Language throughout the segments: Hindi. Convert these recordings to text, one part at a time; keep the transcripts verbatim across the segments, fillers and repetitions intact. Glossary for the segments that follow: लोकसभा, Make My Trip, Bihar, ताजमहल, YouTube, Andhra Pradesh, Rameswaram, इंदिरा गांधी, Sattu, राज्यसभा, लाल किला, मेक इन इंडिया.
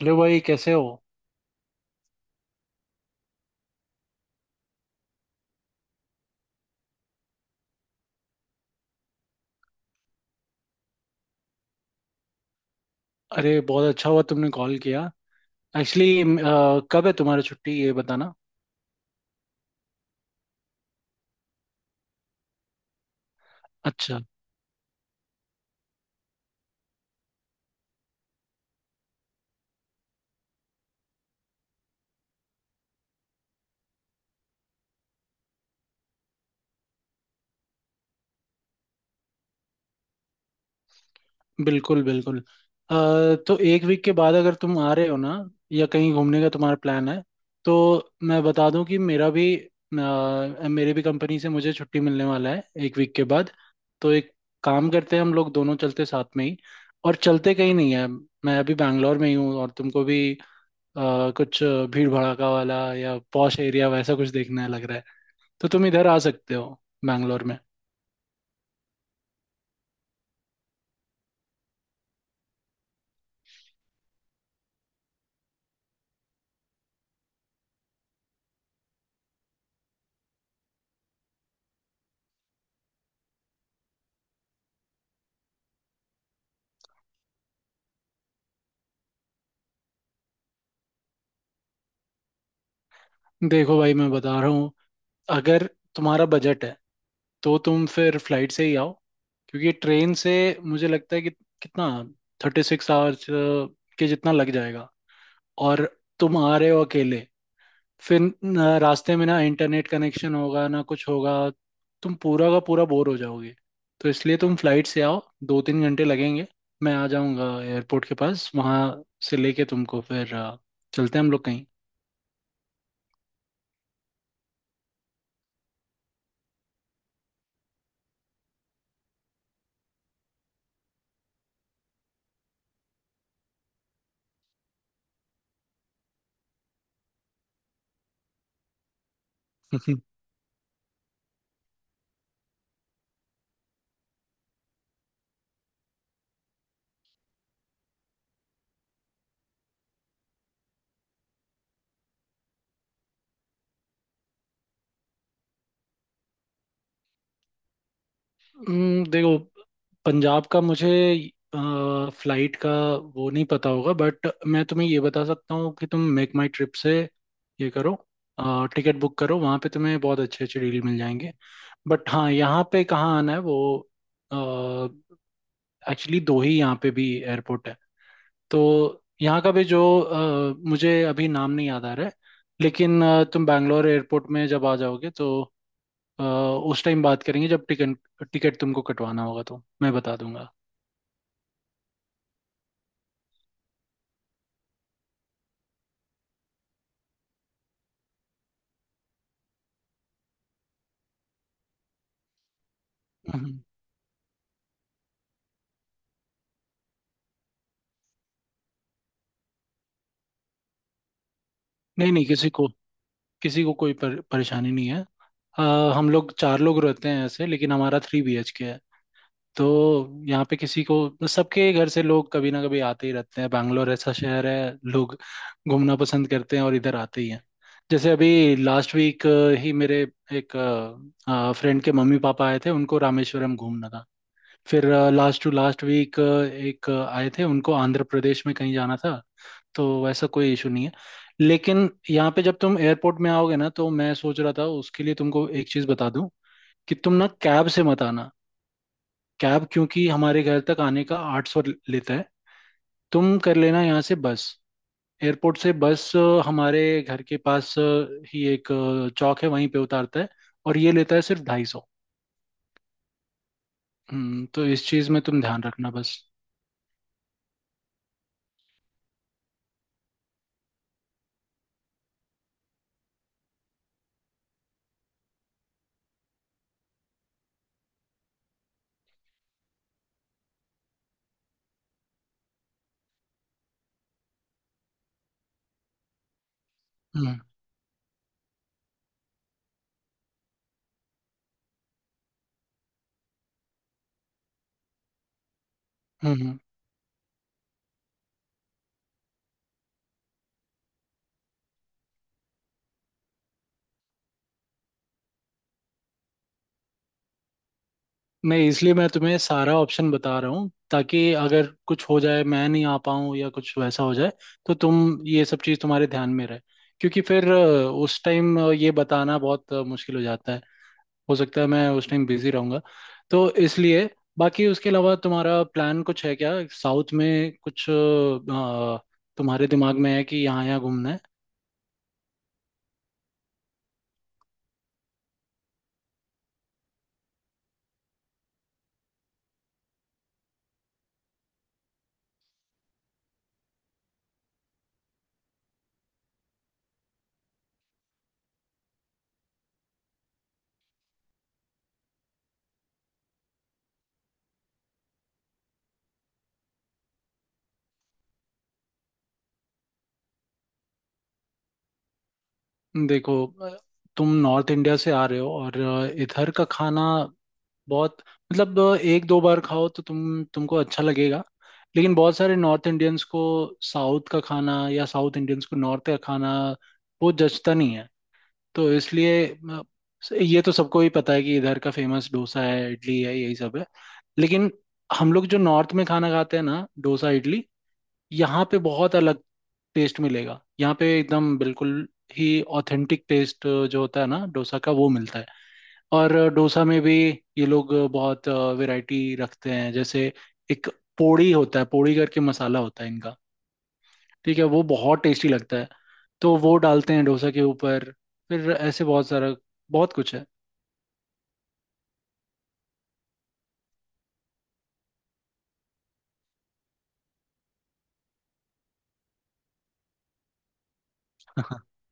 हेलो भाई, कैसे हो। अरे, बहुत अच्छा हुआ तुमने कॉल किया। एक्चुअली कब है तुम्हारी छुट्टी ये बताना। अच्छा। बिल्कुल बिल्कुल। अ, तो एक वीक के बाद अगर तुम आ रहे हो ना, या कहीं घूमने का तुम्हारा प्लान है, तो मैं बता दूं कि मेरा भी अ, मेरे भी कंपनी से मुझे छुट्टी मिलने वाला है एक वीक के बाद। तो एक काम करते हैं, हम लोग दोनों चलते साथ में ही, और चलते कहीं नहीं है। मैं अभी बैंगलोर में ही हूँ, और तुमको भी अ, कुछ भीड़ भड़ाका वाला या पॉश एरिया वैसा कुछ देखना है लग रहा है, तो तुम इधर आ सकते हो, बैंगलोर में। देखो भाई, मैं बता रहा हूँ, अगर तुम्हारा बजट है तो तुम फिर फ्लाइट से ही आओ, क्योंकि ट्रेन से मुझे लगता है कि कितना थर्टी सिक्स आवर्स के जितना लग जाएगा। और तुम आ रहे हो अकेले, फिर न- रास्ते में ना इंटरनेट कनेक्शन होगा ना कुछ होगा, तुम पूरा का पूरा बोर हो जाओगे। तो इसलिए तुम फ्लाइट से आओ, दो तीन घंटे लगेंगे। मैं आ जाऊंगा एयरपोर्ट के पास, वहां से लेके तुमको फिर अ, चलते हैं हम लोग कहीं। हम्म, देखो, पंजाब का मुझे फ्लाइट का वो नहीं पता होगा, बट मैं तुम्हें ये बता सकता हूँ कि तुम मेक माई ट्रिप से ये करो, टिकट बुक करो, वहाँ पे तुम्हें बहुत अच्छे अच्छे डील मिल जाएंगे। बट हाँ, यहाँ पे कहाँ आना है वो, एक्चुअली दो ही यहाँ पे भी एयरपोर्ट है, तो यहाँ का भी जो अ, मुझे अभी नाम नहीं याद आ रहा है, लेकिन अ, तुम बैंगलोर एयरपोर्ट में जब आ जाओगे, तो अ, उस टाइम बात करेंगे, जब टिकट टिकट तुमको कटवाना होगा तो मैं बता दूंगा। हम्म। नहीं नहीं, किसी को किसी को कोई पर, परेशानी नहीं है। अ, हम लोग चार लोग रहते हैं ऐसे, लेकिन हमारा थ्री बीएचके है, तो यहाँ पे किसी को सबके घर से लोग कभी ना कभी आते ही रहते हैं, बैंगलोर ऐसा शहर है, लोग घूमना पसंद करते हैं और इधर आते ही हैं। जैसे अभी लास्ट वीक ही मेरे एक फ्रेंड के मम्मी पापा आए थे, उनको रामेश्वरम घूमना था। फिर लास्ट टू लास्ट वीक एक अ, आए थे, उनको आंध्र प्रदेश में कहीं जाना था। तो वैसा कोई इशू नहीं है। लेकिन यहाँ पे जब तुम एयरपोर्ट में आओगे ना, तो मैं सोच रहा था उसके लिए तुमको एक चीज़ बता दूं कि तुम ना कैब से मत आना, कैब क्योंकि हमारे घर तक आने का आठ सौ लेता है। तुम कर लेना यहाँ से बस, एयरपोर्ट से बस अ, हमारे घर के पास अ, ही एक अ, चौक है, वहीं पे उतारता है, और ये लेता है सिर्फ ढाई सौ। हम्म, तो इस चीज़ में तुम ध्यान रखना बस। हम्म हम्म हम्म। नहीं, इसलिए मैं तुम्हें सारा ऑप्शन बता रहा हूँ, ताकि अगर कुछ हो जाए, मैं नहीं आ पाऊँ या कुछ वैसा हो जाए, तो तुम ये सब चीज़ तुम्हारे ध्यान में रहे। क्योंकि फिर अ, उस टाइम अ, ये बताना बहुत अ, मुश्किल हो जाता है। हो सकता है मैं उस टाइम बिजी रहूँगा, तो इसलिए बाकी उसके अलावा तुम्हारा प्लान कुछ है क्या? साउथ में कुछ अ, अ, तुम्हारे दिमाग में है कि यहाँ यहाँ घूमना है? देखो अ, तुम नॉर्थ इंडिया से आ रहे हो, और अ, इधर का खाना बहुत, मतलब एक दो बार खाओ तो तुम तुमको अच्छा लगेगा, लेकिन बहुत सारे नॉर्थ इंडियंस को साउथ का खाना, या साउथ इंडियंस को नॉर्थ का खाना वो जचता नहीं है। तो इसलिए अ, ये तो सबको ही पता है कि इधर का फेमस डोसा है, इडली है, यही सब है। लेकिन हम लोग जो नॉर्थ में खाना खाते हैं ना डोसा इडली, यहाँ पे बहुत अलग टेस्ट मिलेगा। यहाँ पे एकदम बिल्कुल ही ऑथेंटिक टेस्ट जो होता है ना डोसा का, वो मिलता है। और डोसा में भी ये लोग बहुत वैरायटी रखते हैं, जैसे एक पोड़ी होता है, पोड़ी करके मसाला होता है इनका, ठीक है, वो बहुत टेस्टी लगता है। तो वो डालते हैं डोसा के ऊपर, फिर ऐसे बहुत सारा, बहुत कुछ है।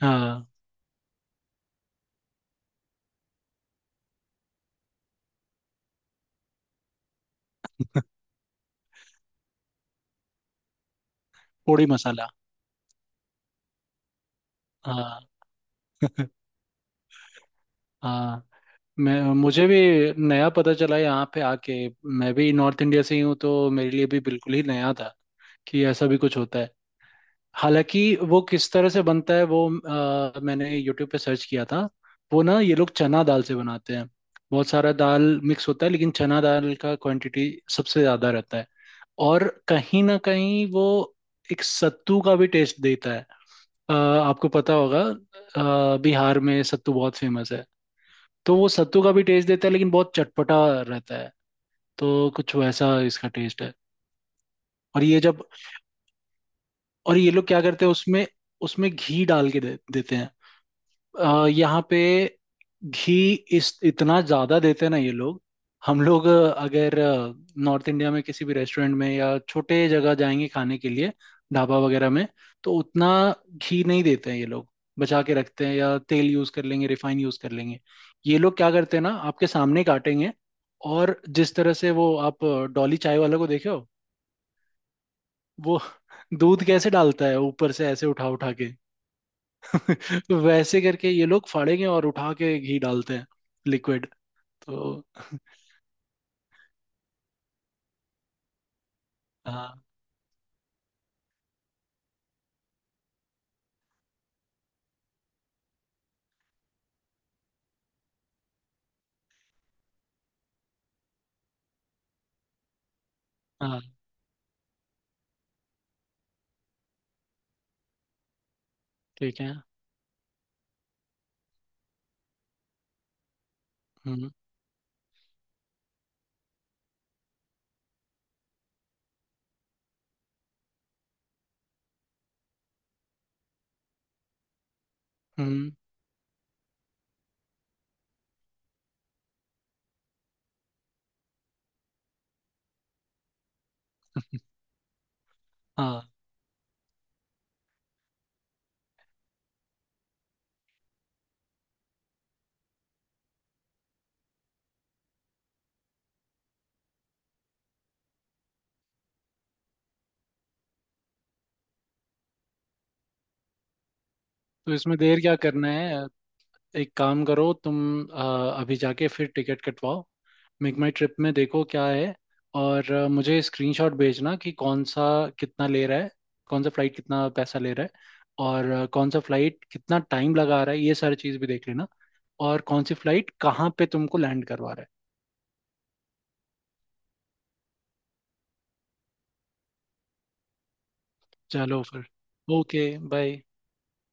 हाँ, पोड़ी मसाला। हाँ। हाँ। मैं मुझे भी नया पता चला यहाँ पे आके, मैं भी नॉर्थ इंडिया से ही हूँ, तो मेरे लिए भी बिल्कुल ही नया था कि ऐसा भी कुछ होता है। हालांकि वो किस तरह से बनता है, वो अ, मैंने यूट्यूब पे सर्च किया था, वो ना ये लोग चना दाल से बनाते हैं। बहुत सारा दाल मिक्स होता है, लेकिन चना दाल का क्वांटिटी सबसे ज़्यादा रहता है। और कहीं ना कहीं वो एक सत्तू का भी टेस्ट देता है। अ, आपको पता होगा, अ, बिहार में सत्तू बहुत फेमस है, तो वो सत्तू का भी टेस्ट देता है, लेकिन बहुत चटपटा रहता है, तो कुछ वैसा इसका टेस्ट है। और ये जब, और ये लोग क्या करते हैं उसमें, उसमें घी डाल के दे, देते हैं। अ, यहाँ पे घी इस इतना ज्यादा देते हैं ना ये लोग। हम लोग अ, अगर नॉर्थ इंडिया में किसी भी रेस्टोरेंट में या छोटे जगह जाएंगे खाने के लिए, ढाबा वगैरह में, तो उतना घी नहीं देते हैं ये लोग, बचा के रखते हैं, या तेल यूज कर लेंगे, रिफाइन यूज कर लेंगे। ये लोग क्या करते हैं ना, आपके सामने काटेंगे, और जिस तरह से वो आप अ, डॉली चाय वाला को देखे हो, वो दूध कैसे डालता है ऊपर से, ऐसे उठा उठा के, तो वैसे करके ये लोग फाड़ेंगे और उठा के घी डालते हैं, लिक्विड। तो हाँ। हाँ ठीक है। हम्म हम्म। हाँ, तो इसमें देर क्या करना है? एक काम करो तुम, अ, अभी जाके फिर टिकट कटवाओ, मेक माई ट्रिप में देखो क्या है, और अ, मुझे स्क्रीनशॉट भेजना कि कौन सा कितना ले रहा है, कौन सा फ्लाइट कितना पैसा ले रहा है, और अ, कौन सा फ्लाइट कितना टाइम लगा रहा है, ये सारी चीज़ भी देख लेना, और कौन सी फ्लाइट कहाँ पे तुमको लैंड करवा रहा है। चलो फिर, ओके, बाय।